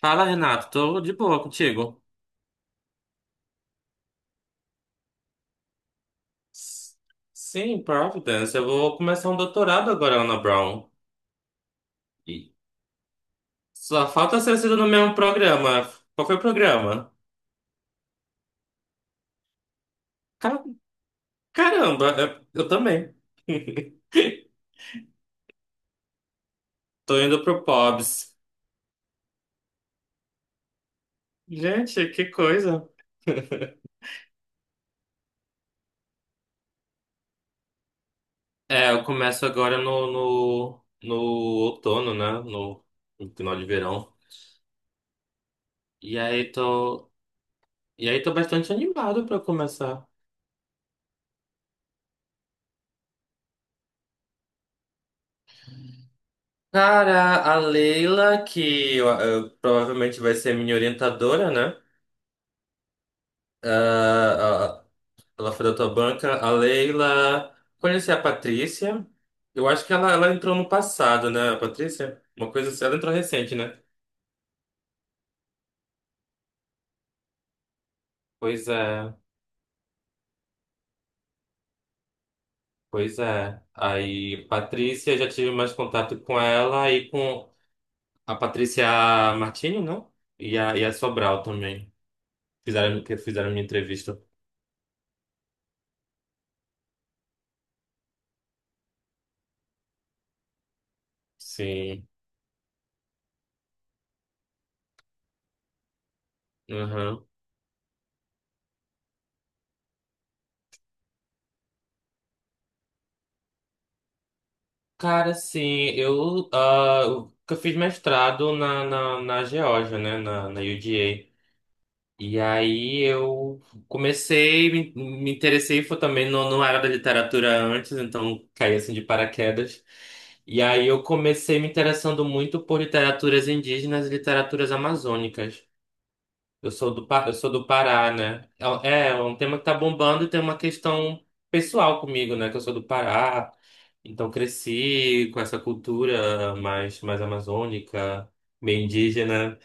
Fala, Renato, tô de boa contigo. S- Sim, Providence, eu vou começar um doutorado agora lá na Brown. E só falta ser sido no mesmo programa. Qual foi o programa? Ca- Caramba, eu também. Tô indo pro Pobs. Gente, que coisa. É, eu começo agora no outono, né? No, no final de verão. E aí tô, e aí tô bastante animado pra começar. Cara, a Leila, que provavelmente vai ser minha orientadora, né? Ah, ah, ela foi da tua banca. A Leila, conheci a Patrícia. Eu acho que ela entrou no passado, né, a Patrícia? Uma coisa assim, ela entrou recente, né? Pois é, pois é. Aí, Patrícia, já tive mais contato com ela e com a Patrícia Martini, não? E a Sobral também. Fizeram, que fizeram minha entrevista. Sim. Aham. Cara, sim, eu, ah, eu fiz mestrado na Geórgia, né, na UGA. E aí eu comecei, me interessei, foi também, não era da literatura antes, então caí assim de paraquedas. E aí eu comecei me interessando muito por literaturas indígenas e literaturas amazônicas. Eu sou do Pará, né? É, é um tema que tá bombando e tem uma questão pessoal comigo, né, que eu sou do Pará. Então cresci com essa cultura mais amazônica, meio indígena.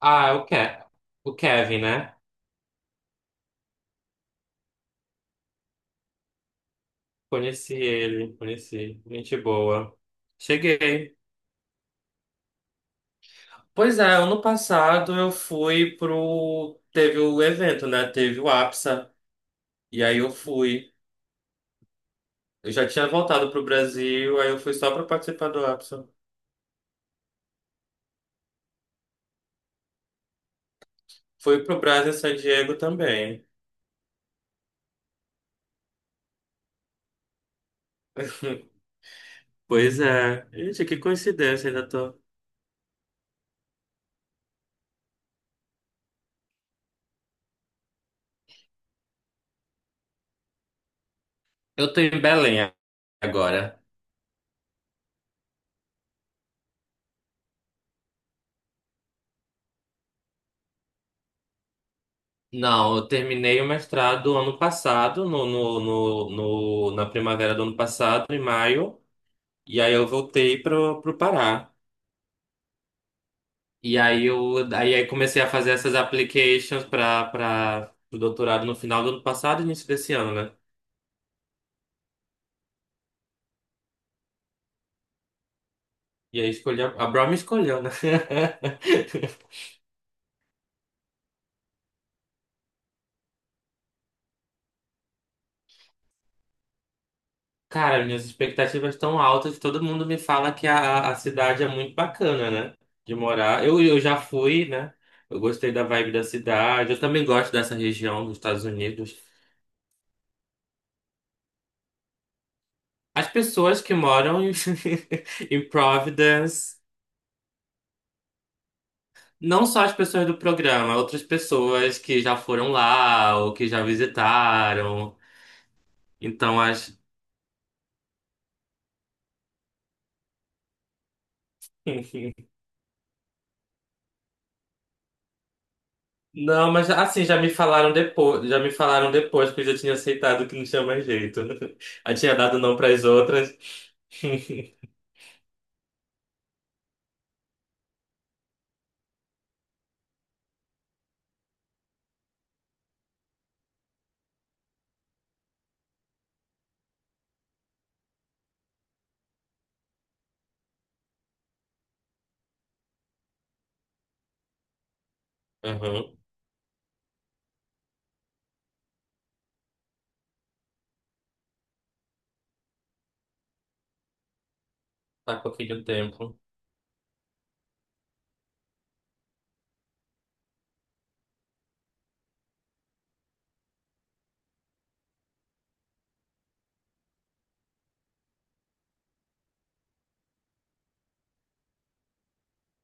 Ah, o, Ke o Kevin, né? Conheci ele, conheci. Gente boa. Cheguei. Pois é, ano passado eu fui pro. Teve o evento, né? Teve o APSA. E aí eu fui. Eu já tinha voltado pro Brasil, aí eu fui só pra participar do APSA. Fui pro Brasil em San Diego também. Pois é. Gente, que coincidência, ainda tô. Eu tô em Belém agora? Não, eu terminei o mestrado ano passado, na primavera do ano passado, em maio, e aí eu voltei pro, pro Pará. Aí comecei a fazer essas applications para o doutorado no final do ano passado e início desse ano, né? E aí escolhi a Brown me escolheu, né? Cara, minhas expectativas estão altas. Todo mundo me fala que a cidade é muito bacana, né? De morar. Eu já fui, né? Eu gostei da vibe da cidade. Eu também gosto dessa região dos Estados Unidos. As pessoas que moram em, em Providence, não só as pessoas do programa, outras pessoas que já foram lá ou que já visitaram. Então, acho. Não, mas assim, já me falaram depois que eu já tinha aceitado que não tinha mais jeito. Eu tinha dado não para as outras. Uhum. Tá com aquele tempo.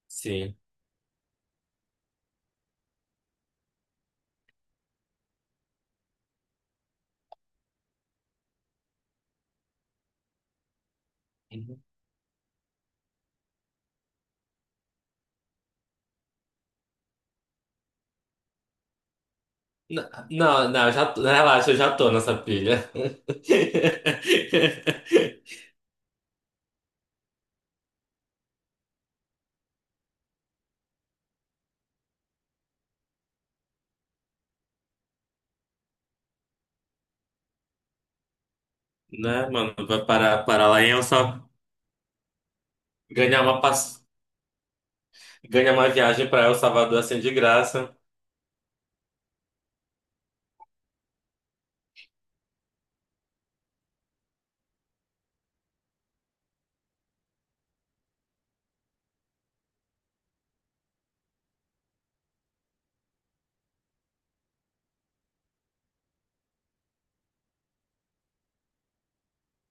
Sim. Uhum. Não, não, eu já tô, relaxa, eu já tô nessa pilha. Né, mano? Vai parar lá em El Salvador. Ganhar uma, pass... ganhar uma viagem pra El Salvador assim de graça.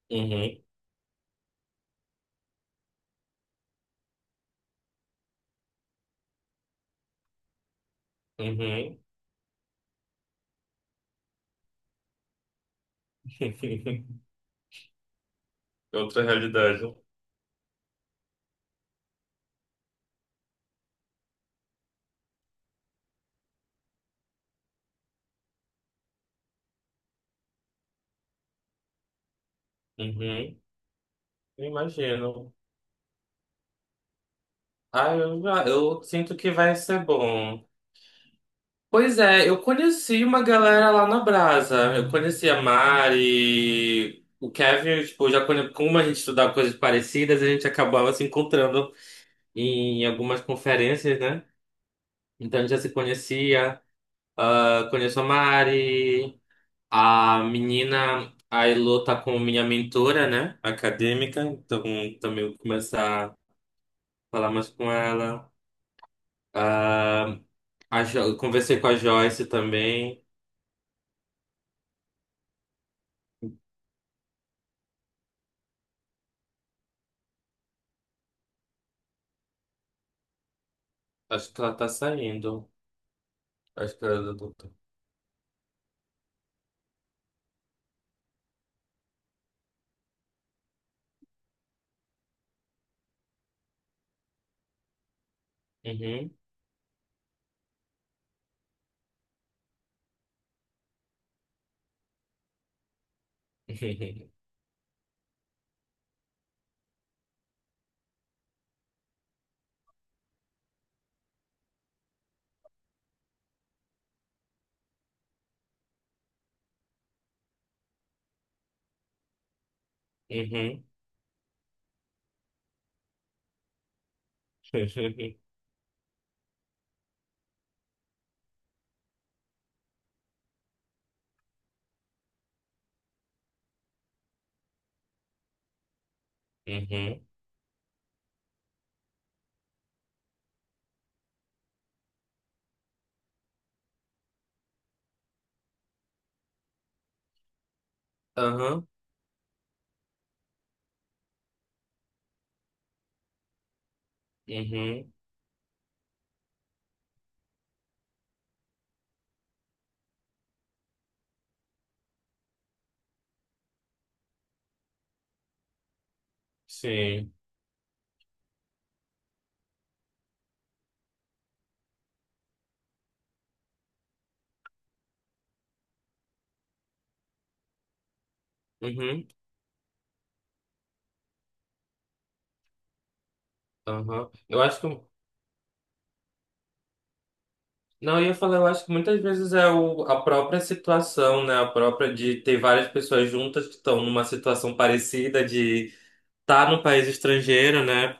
Uhum, uhum. Outra realidade. Uhum. Eu imagino. Eu sinto que vai ser bom. Pois é, eu conheci uma galera lá na Brasa. Eu conheci a Mari, o Kevin, tipo, já conhe... como a gente estudava coisas parecidas, a gente acabava se encontrando em algumas conferências, né? Então a gente já se conhecia. Ah, conheço a Mari, a Elô tá com minha mentora, né? Acadêmica, então também vou começar a falar mais com ela. Ah, eu conversei com a Joyce também. Acho que ela tá saindo. Acho que ela tá. Uhum. Uhum. Uhum. Aham. Uhum. Sim. Uhum. Aham. Eu acho que. Não, eu ia falar, eu acho que muitas vezes é o, a própria situação, né? A própria de ter várias pessoas juntas que estão numa situação parecida de estar tá no país estrangeiro, né?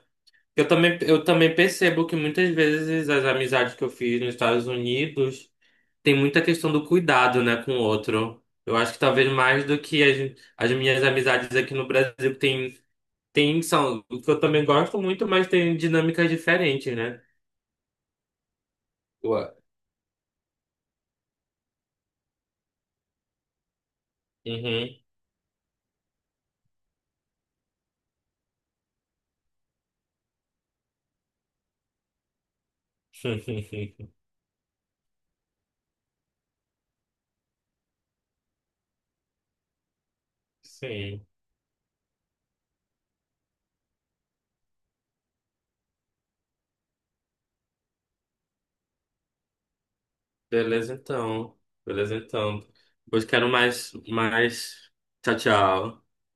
Eu também percebo que muitas vezes as amizades que eu fiz nos Estados Unidos. Tem muita questão do cuidado, né, com o outro. Eu acho que talvez mais do que as minhas amizades aqui no Brasil tem, tem são, o que eu também gosto muito, mas tem dinâmicas diferentes, né? Ué. Uhum. Sim. Beleza então. Beleza então. Pois quero mais, mais. Tchau, tchau.